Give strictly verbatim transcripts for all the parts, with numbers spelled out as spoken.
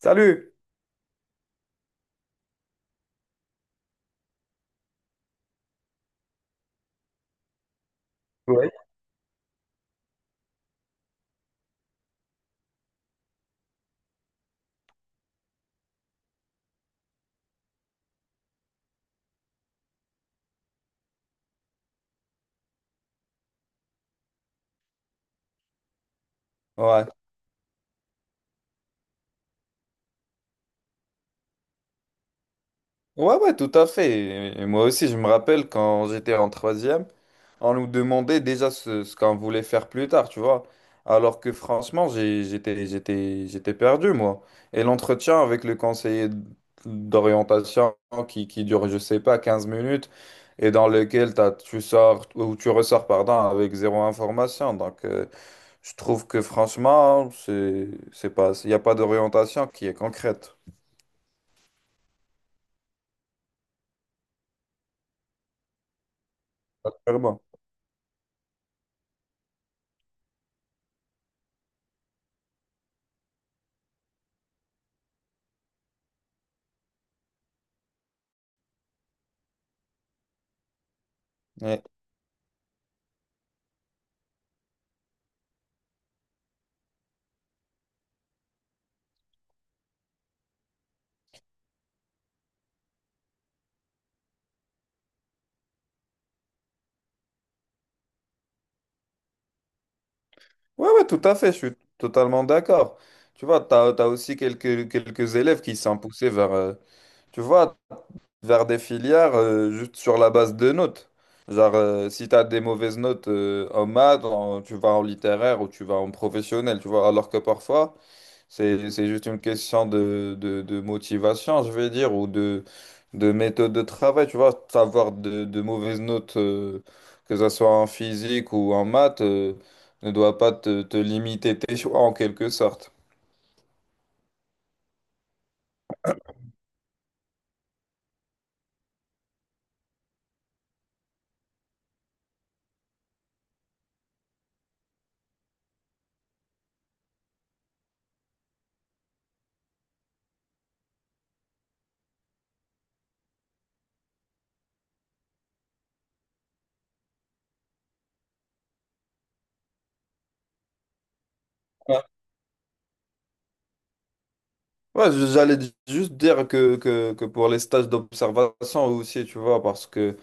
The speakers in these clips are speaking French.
Salut! Ouais. Ouais. Ouais, ouais, tout à fait. Et moi aussi, je me rappelle quand j'étais en troisième, on nous demandait déjà ce, ce qu'on voulait faire plus tard, tu vois. Alors que franchement, j'ai- j'étais, j'étais, j'étais perdu, moi. Et l'entretien avec le conseiller d'orientation qui, qui dure, je sais pas, quinze minutes, et dans lequel t'as, tu sors, ou tu ressors, pardon, avec zéro information. Donc, euh, je trouve que franchement, c'est, c'est pas, il n'y a pas d'orientation qui est concrète. Clairement. Ouais. Ouais, ouais, tout à fait, je suis totalement d'accord. Tu vois, tu as, aussi quelques, quelques élèves qui sont poussés vers, euh, tu vois, vers des filières euh, juste sur la base de notes. Genre, euh, si tu as des mauvaises notes euh, en maths, en- tu vas en littéraire ou tu vas en professionnel, tu vois, alors que parfois, C'est, c'est juste une question de, de, de motivation, je vais dire, ou de, de méthode de travail. Tu vois, avoir de, de mauvaises notes, euh, que ce soit en physique ou en maths, euh, ne doit pas te, te limiter tes choix en quelque sorte. Ouais, ouais, j'allais di- juste dire que, que, que pour les stages d'observation aussi, tu vois, parce que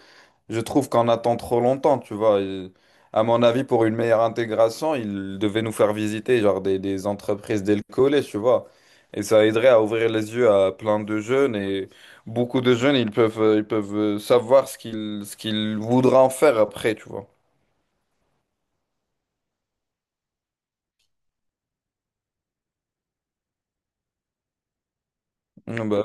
je trouve qu'on attend trop longtemps, tu vois. Et à mon avis, pour une meilleure intégration, ils devaient nous faire visiter genre des, des entreprises dès le collège, tu vois. Et ça aiderait à ouvrir les yeux à plein de jeunes. Et beaucoup de jeunes, ils peuvent, ils peuvent savoir ce qu'ils, ce qu'ils voudront en faire après, tu vois. Mm, bah.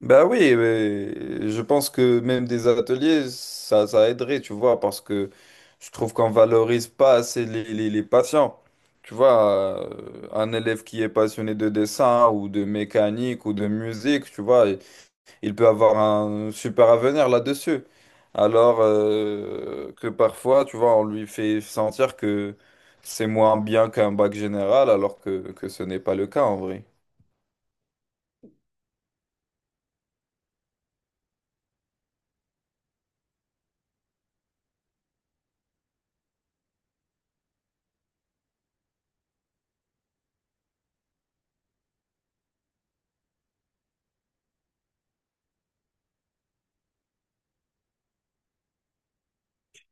Ben oui, mais je pense que même des ateliers, ça, ça aiderait, tu vois, parce que je trouve qu'on valorise pas assez les, les, les patients. Tu vois, euh, un élève qui est passionné de dessin ou de mécanique ou de musique, tu vois, il il peut avoir un super avenir là-dessus. Alors euh, que parfois, tu vois, on lui fait sentir que c'est moins bien qu'un bac général, alors que, que ce n'est pas le cas en vrai.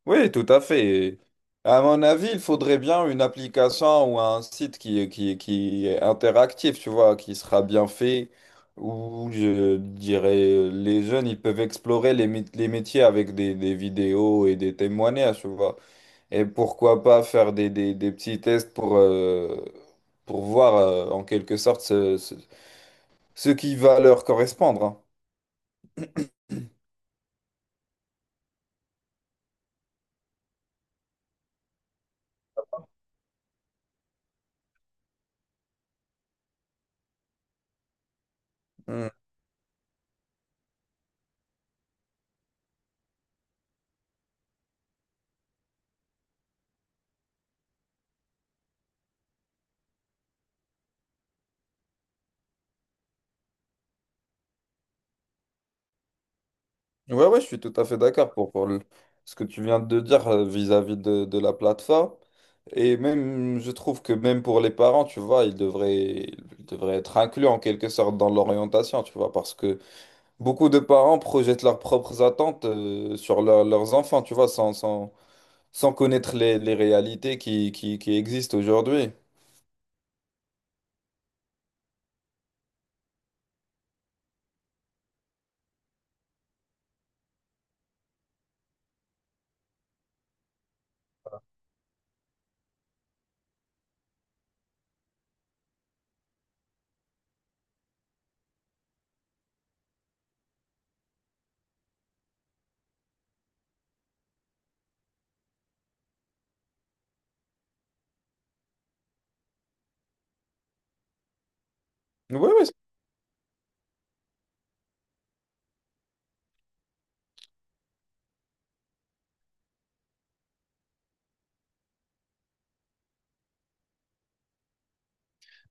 Oui, tout à fait. À mon avis, il faudrait bien une application ou un site qui, qui, qui est interactif, tu vois, qui sera bien fait, où je dirais les jeunes, ils peuvent explorer les, mét- les métiers avec des, des vidéos et des témoignages, tu vois. Et pourquoi pas faire des, des, des petits tests pour, euh, pour voir, euh, en quelque sorte, ce, ce, ce qui va leur correspondre. Hein. Hmm. Ouais, ouais, je suis tout à fait d'accord pour, pour le- ce que tu viens de dire euh, vis-à-vis de, de la plateforme. Et même, je trouve que même pour les parents, tu vois, ils devraient, ils devraient être inclus en quelque sorte dans l'orientation, tu vois, parce que beaucoup de parents projettent leurs propres attentes euh, sur leur- leurs enfants, tu vois, sans, sans, sans connaître les, les réalités qui, qui, qui existent aujourd'hui. Oui, oui.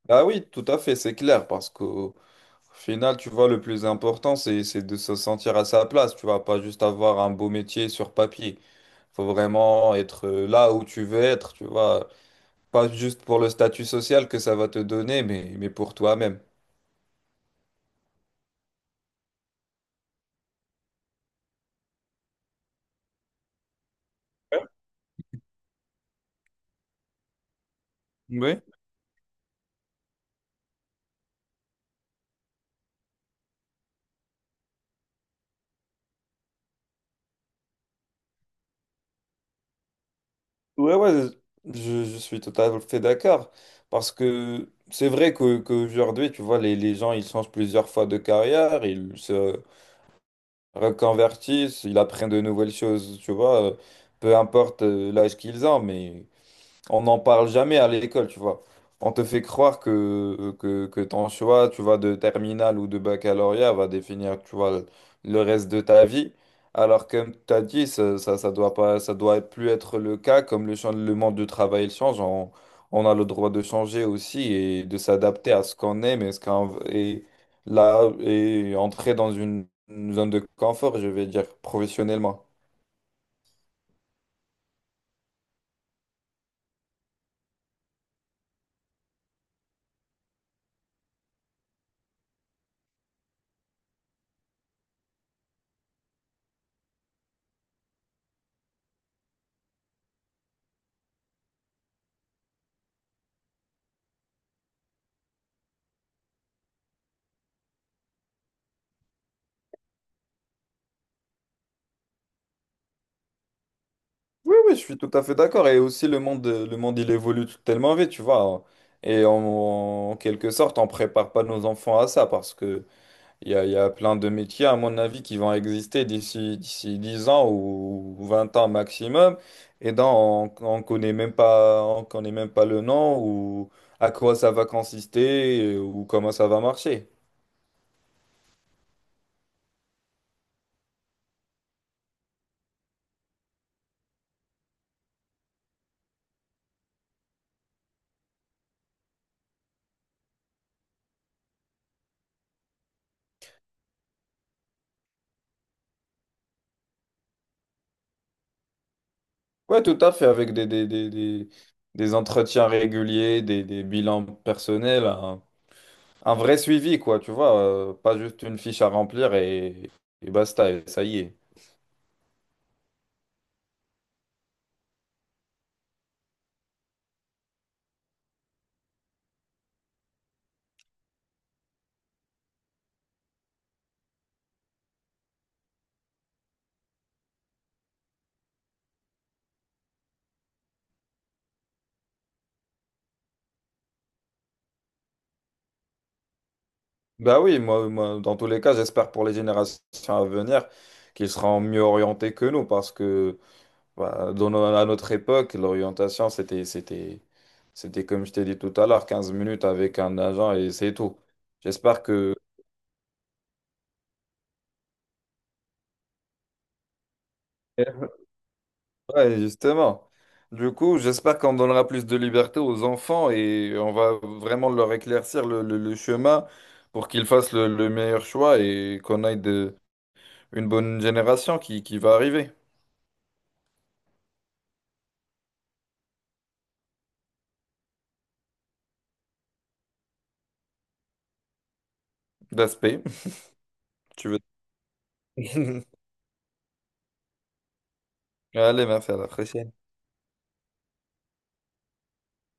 Ah oui, tout à fait, c'est clair, parce que. Au final, tu vois, le plus important, c'est, c'est de se sentir à sa place. Tu vas pas juste avoir un beau métier sur papier. Faut vraiment être euh, là où tu veux être, tu vois. Pas juste pour le statut social que ça va te donner, mais, mais pour toi-même. Oui. Ouais, ouais, je, je suis tout à fait d'accord. Parce que c'est vrai que, qu'aujourd'hui, tu vois, les, les gens, ils changent plusieurs fois de carrière, ils se reconvertissent, ils apprennent de nouvelles choses, tu vois, euh, peu importe euh, l'âge qu'ils ont, mais on n'en parle jamais à l'école, tu vois. On te fait croire que, que, que ton choix, tu vois, de terminale ou de baccalauréat va définir, tu vois, le le reste de ta vie. Alors, comme tu as dit, ça, ça, ça doit pas, ça doit plus être le cas, comme le, champ- le monde du travail il change, on, on a le droit de changer aussi et de s'adapter à ce qu'on aime et ce qu'on, et là, et entrer dans une une zone de confort, je vais dire, professionnellement. Oui, oui, je suis tout à fait d'accord. Et aussi, le monde, euh, le monde, il évolue tout- tellement vite, tu vois. Et en, en quelque sorte, on prépare pas nos enfants à ça parce que il y a, il y a plein de métiers, à mon avis, qui vont exister d'ici, d'ici dix ans ou vingt ans maximum. Et dans, on, on connaît même pas, on connaît même pas le nom ou à quoi ça va consister ou comment ça va marcher. Ouais, tout à fait, avec des, des, des, des, des entretiens réguliers, des, des bilans personnels. Hein. Un vrai suivi, quoi, tu vois, euh, pas juste une fiche à remplir et, et basta, et ça y est. Bah oui, moi, moi, dans tous les cas, j'espère pour les générations à venir qu'ils seront mieux orientés que nous, parce que bah, dans no- à notre époque, l'orientation, c'était, c'était, c'était comme je t'ai dit tout à l'heure, quinze minutes avec un agent et c'est tout. J'espère que. Ouais, justement. Du coup, j'espère qu'on donnera plus de liberté aux enfants et on va vraiment leur éclaircir le, le- le chemin pour qu'ils fassent le, le meilleur choix et qu'on aille de, une bonne génération qui, qui va arriver. D'aspect, tu veux. Allez, merci, à la prochaine.